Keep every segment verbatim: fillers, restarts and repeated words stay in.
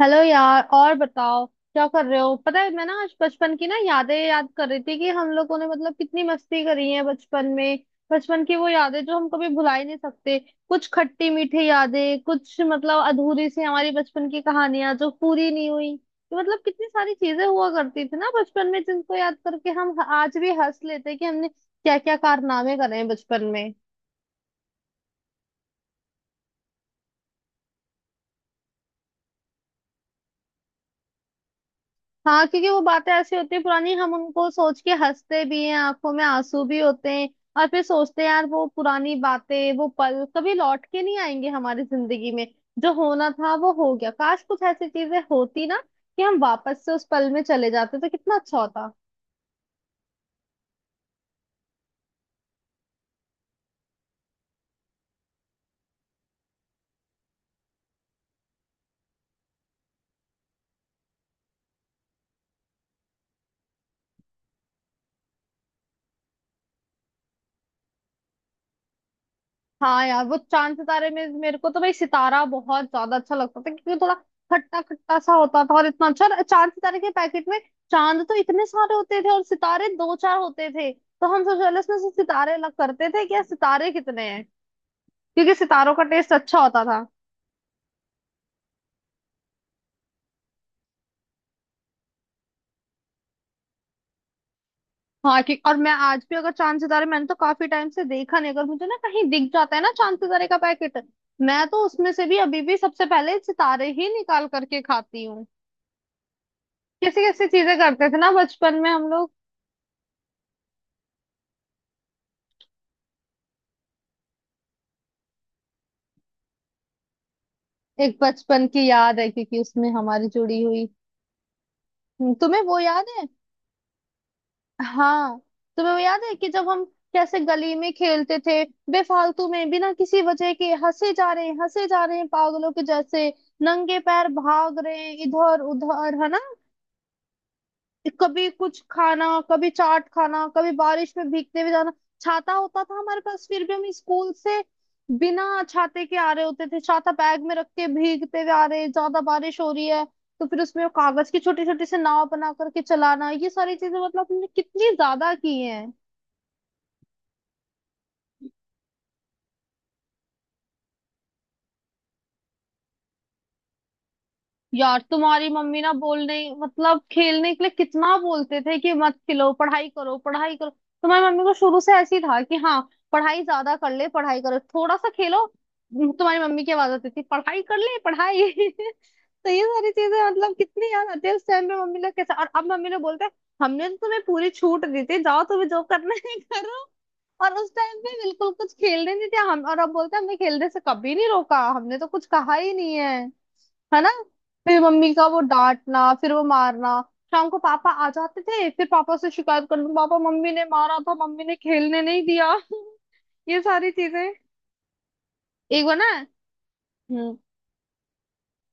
Hello यार, और बताओ क्या कर रहे हो। पता है, मैं ना आज बचपन की ना यादें याद कर रही थी कि हम लोगों ने मतलब कितनी मस्ती करी है बचपन में। बचपन की वो यादें जो हम कभी भुला ही नहीं सकते। कुछ खट्टी मीठी यादें, कुछ मतलब अधूरी सी हमारी बचपन की कहानियां जो पूरी नहीं हुई। तो मतलब कितनी सारी चीजें हुआ करती थी ना बचपन में, जिनको याद करके हम आज भी हंस लेते कि हमने क्या क्या कारनामे करे हैं बचपन में। हाँ, क्योंकि वो बातें ऐसी होती है पुरानी, हम उनको सोच के हंसते भी हैं, आंखों में आंसू भी होते हैं। और फिर सोचते हैं यार वो पुरानी बातें, वो पल कभी लौट के नहीं आएंगे हमारी जिंदगी में। जो होना था वो हो गया। काश कुछ ऐसी चीजें होती ना कि हम वापस से उस पल में चले जाते तो कितना अच्छा होता। हाँ यार, वो चांद सितारे में मेरे को तो भाई सितारा बहुत ज्यादा अच्छा लगता था, क्योंकि थोड़ा खट्टा खट्टा सा होता था और इतना अच्छा। और चांद सितारे के पैकेट में चांद तो इतने सारे होते थे और सितारे दो चार होते थे, तो हम सबसे पहले उसमें से सितारे अलग करते थे कि यार सितारे कितने हैं, क्योंकि सितारों का टेस्ट अच्छा होता था। हाँ कि और मैं आज भी अगर चांद सितारे, मैंने तो काफी टाइम से देखा नहीं, अगर मुझे ना कहीं दिख जाता है ना चांद सितारे का पैकेट, मैं तो उसमें से भी अभी भी सबसे पहले सितारे ही निकाल करके खाती हूँ। कैसी कैसी चीजें करते थे ना बचपन में हम लोग। एक बचपन की याद है क्योंकि उसमें हमारी जुड़ी हुई। हम्म, तुम्हें वो याद है। हाँ, तुम्हें वो याद है कि जब हम कैसे गली में खेलते थे। बेफालतू में बिना किसी वजह के हंसे जा रहे हैं, हंसे जा रहे हैं पागलों के जैसे। नंगे पैर भाग रहे हैं इधर उधर, है ना। कभी कुछ खाना, कभी चाट खाना, कभी बारिश में भीगते हुए जाना। छाता होता था हमारे पास, फिर भी हम स्कूल से बिना छाते के आ रहे होते थे, छाता बैग में रख के भीगते हुए आ रहे, ज्यादा बारिश हो रही है तो फिर उसमें वो कागज की छोटी छोटी सी नाव बना करके चलाना। ये सारी चीजें मतलब हमने कितनी ज्यादा की हैं। यार तुम्हारी मम्मी ना बोलने मतलब खेलने के लिए कितना बोलते थे कि मत खिलो, पढ़ाई करो पढ़ाई करो। तुम्हारी मम्मी को शुरू से ऐसी था कि हाँ, पढ़ाई ज्यादा कर ले, पढ़ाई करो, थोड़ा सा खेलो। तुम्हारी मम्मी की आवाज आती थी, पढ़ाई कर ले पढ़ाई तो ये सारी चीजें मतलब कितनी याद आती है उस टाइम पे मम्मी लोग कैसे, और अब मम्मी लोग बोलते हैं हमने तो तुम्हें पूरी छूट दी थी, जाओ तुम्हें जो करना है करो। और उस टाइम पे बिल्कुल कुछ खेलने नहीं दिया, हम, और अब बोलते हैं हमने खेलने से कभी नहीं रोका, हमने तो कुछ कहा ही नहीं है, है ना। फिर मम्मी का वो डांटना, फिर वो मारना। शाम को पापा आ जाते थे, फिर पापा से शिकायत करते, पापा मम्मी ने मारा था, मम्मी ने खेलने नहीं दिया ये सारी चीजें। एक बार ना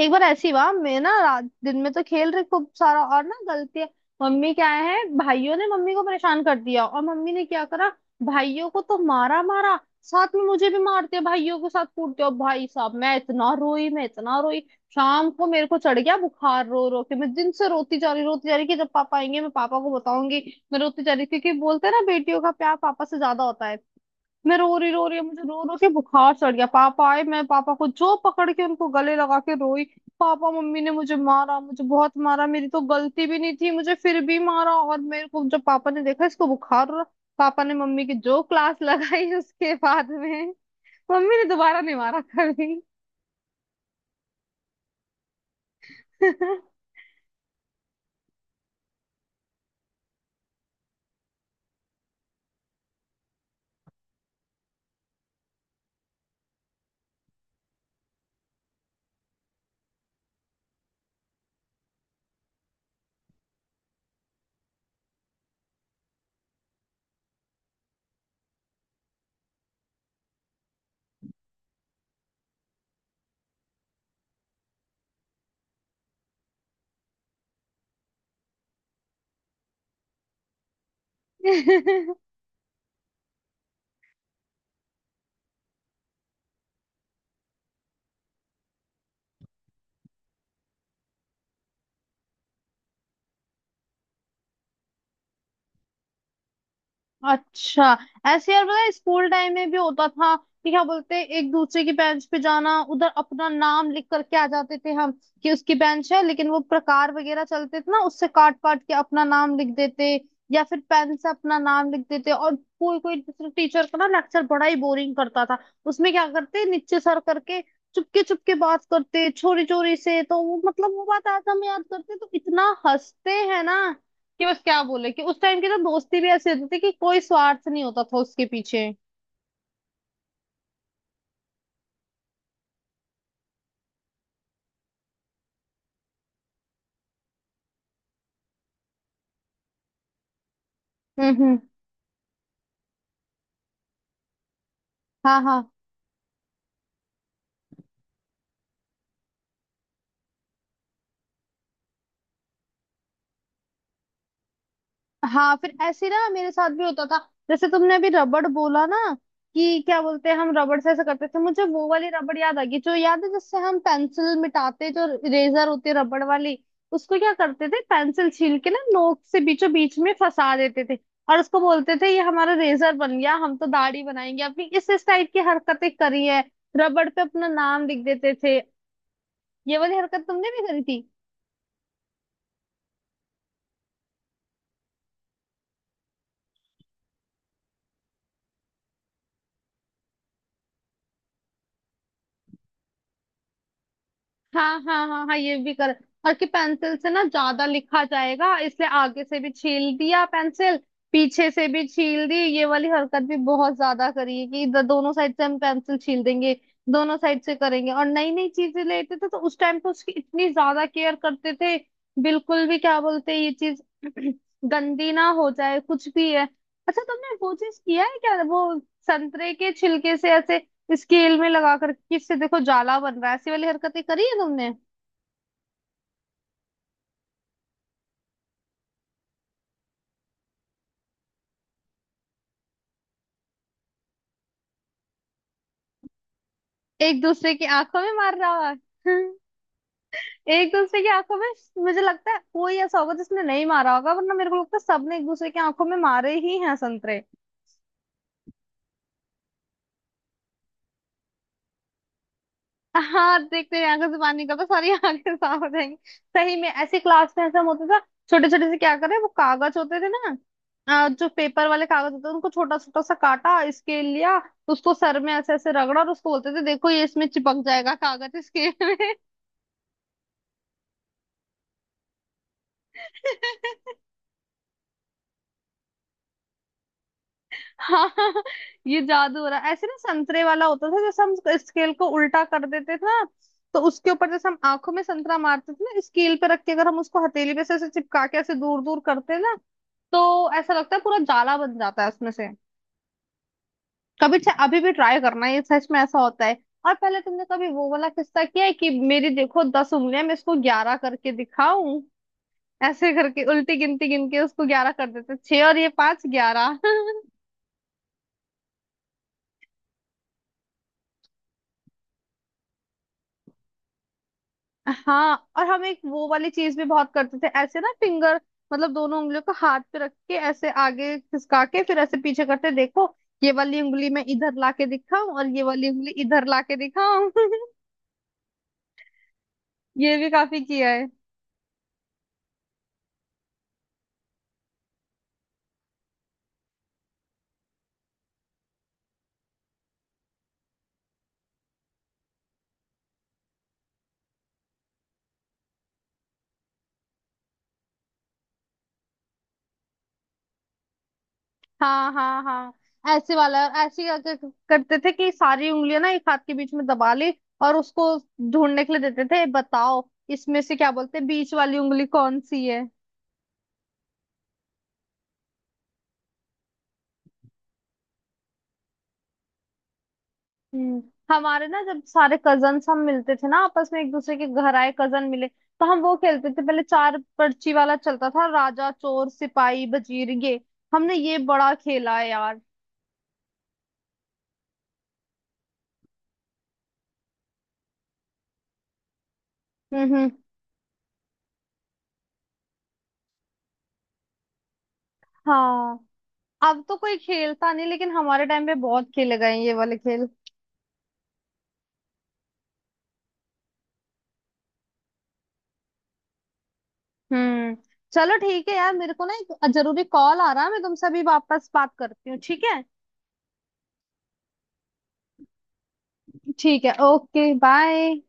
एक बार ऐसी हुआ, मैं ना रात दिन में तो खेल रही खूब सारा, और ना गलती है मम्मी, क्या है भाइयों ने मम्मी को परेशान कर दिया, और मम्मी ने क्या करा, भाइयों को तो मारा मारा, साथ में मुझे भी मारते हैं भाइयों के साथ कूटते। और भाई साहब, मैं इतना रोई, मैं इतना रोई, शाम को मेरे को चढ़ गया बुखार रो रो के। मैं दिन से रोती जा रही, रोती जा रही कि जब पापा आएंगे मैं पापा को बताऊंगी। मैं रोती जा रही क्योंकि बोलते हैं ना बेटियों का प्यार पापा से ज्यादा होता है। मैं रो रही रो रही, मुझे रो रो के बुखार चढ़ गया। पापा आए, मैं पापा को जो पकड़ के उनको गले लगा के रोई, पापा मम्मी ने मुझे मारा, मुझे बहुत मारा, मेरी तो गलती भी नहीं थी मुझे फिर भी मारा। और मेरे को जब पापा ने देखा इसको बुखार हो रहा, पापा ने मम्मी की जो क्लास लगाई उसके बाद में मम्मी ने दोबारा नहीं मारा कभी। अच्छा, ऐसे यार पता है स्कूल टाइम में भी होता था कि क्या बोलते हैं एक दूसरे की बेंच पे जाना, उधर अपना नाम लिख करके आ जाते थे हम कि उसकी बेंच है। लेकिन वो प्रकार वगैरह चलते थे ना, उससे काट पाट के अपना नाम लिख देते, या फिर पेन से अपना नाम लिख देते। और कोई कोई टीचर का ना लेक्चर बड़ा ही बोरिंग करता था, उसमें क्या करते नीचे सर करके चुपके चुपके बात करते चोरी चोरी से। तो वो मतलब वो बात आज हम याद करते तो इतना हंसते हैं ना, कि बस क्या बोले कि उस टाइम की तो दोस्ती भी ऐसी होती थी कि कोई स्वार्थ नहीं होता था उसके पीछे। हम्म हम्म। हाँ हाँ हाँ। फिर ऐसे ही ना मेरे साथ भी होता था। जैसे तुमने अभी रबड़ बोला ना, कि क्या बोलते हैं हम रबड़ से ऐसा करते थे, मुझे वो वाली रबड़ याद आ गई, जो याद है जिससे हम पेंसिल मिटाते, जो इरेजर होती है रबड़ वाली। उसको क्या करते थे पेंसिल छील के ना नोक से बीचों बीच में फंसा देते थे, और उसको बोलते थे ये हमारा रेजर बन गया, हम तो दाढ़ी बनाएंगे अपनी। इस इस टाइप की हरकतें करी है। रबड़ पे अपना नाम लिख देते थे। ये वाली हरकत तुमने भी करी थी। हाँ हाँ हाँ हाँ, ये भी कर। और कि पेंसिल से ना ज्यादा लिखा जाएगा इसलिए आगे से भी छील दिया पेंसिल, पीछे से भी छील दी। ये वाली हरकत भी बहुत ज्यादा करी है कि इधर दोनों साइड से हम पेंसिल छील देंगे, दोनों साइड से करेंगे। और नई नई चीजें लेते थे तो उस टाइम पे उसकी इतनी ज्यादा केयर करते थे, बिल्कुल भी क्या बोलते हैं, ये चीज गंदी ना हो जाए कुछ भी है। अच्छा तुमने वो चीज किया है क्या, वो संतरे के छिलके से ऐसे स्केल में लगा कर किससे देखो जाला बन रहा है, ऐसी वाली हरकतें करी है तुमने। एक दूसरे की आंखों में मार रहा है एक दूसरे की आंखों में मुझे लगता है कोई ऐसा होगा जिसने नहीं मारा होगा, वरना मेरे को लगता है सबने एक दूसरे की आंखों में मारे ही हैं संतरे। हाँ, देखते हैं आंखों से पानी निकलता, सारी आंखें साफ हो जाएंगी। सही में ऐसी क्लास में ऐसा होता था। छोटे छोटे से क्या करे वो कागज होते थे ना, अ, जो पेपर वाले कागज होते थे उनको छोटा छोटा सा काटा, स्केल लिया, उसको सर में ऐसे ऐसे रगड़ा और उसको बोलते थे देखो ये इसमें चिपक जाएगा, कागज स्केल में। हाँ, ये जादू हो रहा है। ऐसे ना संतरे वाला होता था, जैसे हम स्केल को उल्टा कर देते थे ना, तो उसके ऊपर जैसे हम आंखों में संतरा मारते थे ना, स्केल पे रख के अगर हम उसको हथेली पे से ऐसे चिपका के ऐसे दूर दूर करते ना, तो ऐसा लगता है पूरा जाला बन जाता है उसमें से। कभी चाहे अभी भी ट्राई करना, ये सच में ऐसा होता है। और पहले तुमने कभी वो वाला किस्सा किया है कि मेरी देखो दस उंगलियां मैं इसको ग्यारह करके दिखाऊं, ऐसे करके उल्टी गिनती गिन के उसको ग्यारह कर देते, छह और ये पांच ग्यारह हाँ, और हम एक वो वाली चीज भी बहुत करते थे ऐसे ना, फिंगर मतलब दोनों उंगलियों को हाथ पे रख के ऐसे आगे खिसका के फिर ऐसे पीछे करते, देखो ये वाली उंगली मैं इधर ला के दिखाऊं और ये वाली उंगली इधर ला के दिखाऊं ये भी काफी किया है। हाँ हाँ हाँ। ऐसे वाला ऐसे ही आके करते थे कि सारी उंगलियां ना एक हाथ के बीच में दबा ली, और उसको ढूंढने के लिए देते थे, बताओ इसमें से क्या बोलते हैं बीच वाली उंगली कौन सी है। हम्म। हमारे ना जब सारे कजन हम मिलते थे ना आपस में एक दूसरे के घर आए कजन मिले, तो हम वो खेलते थे, पहले चार पर्ची वाला चलता था, राजा चोर सिपाही वजीर, ये हमने ये बड़ा खेला है यार। हम्म हम्म। हाँ, अब तो कोई खेलता नहीं, लेकिन हमारे टाइम पे बहुत खेले गए हैं ये वाले खेल। हम्म। चलो ठीक है यार, मेरे को ना एक जरूरी कॉल आ रहा है, मैं तुमसे अभी वापस बात करती हूँ, ठीक है। ठीक है, ओके बाय।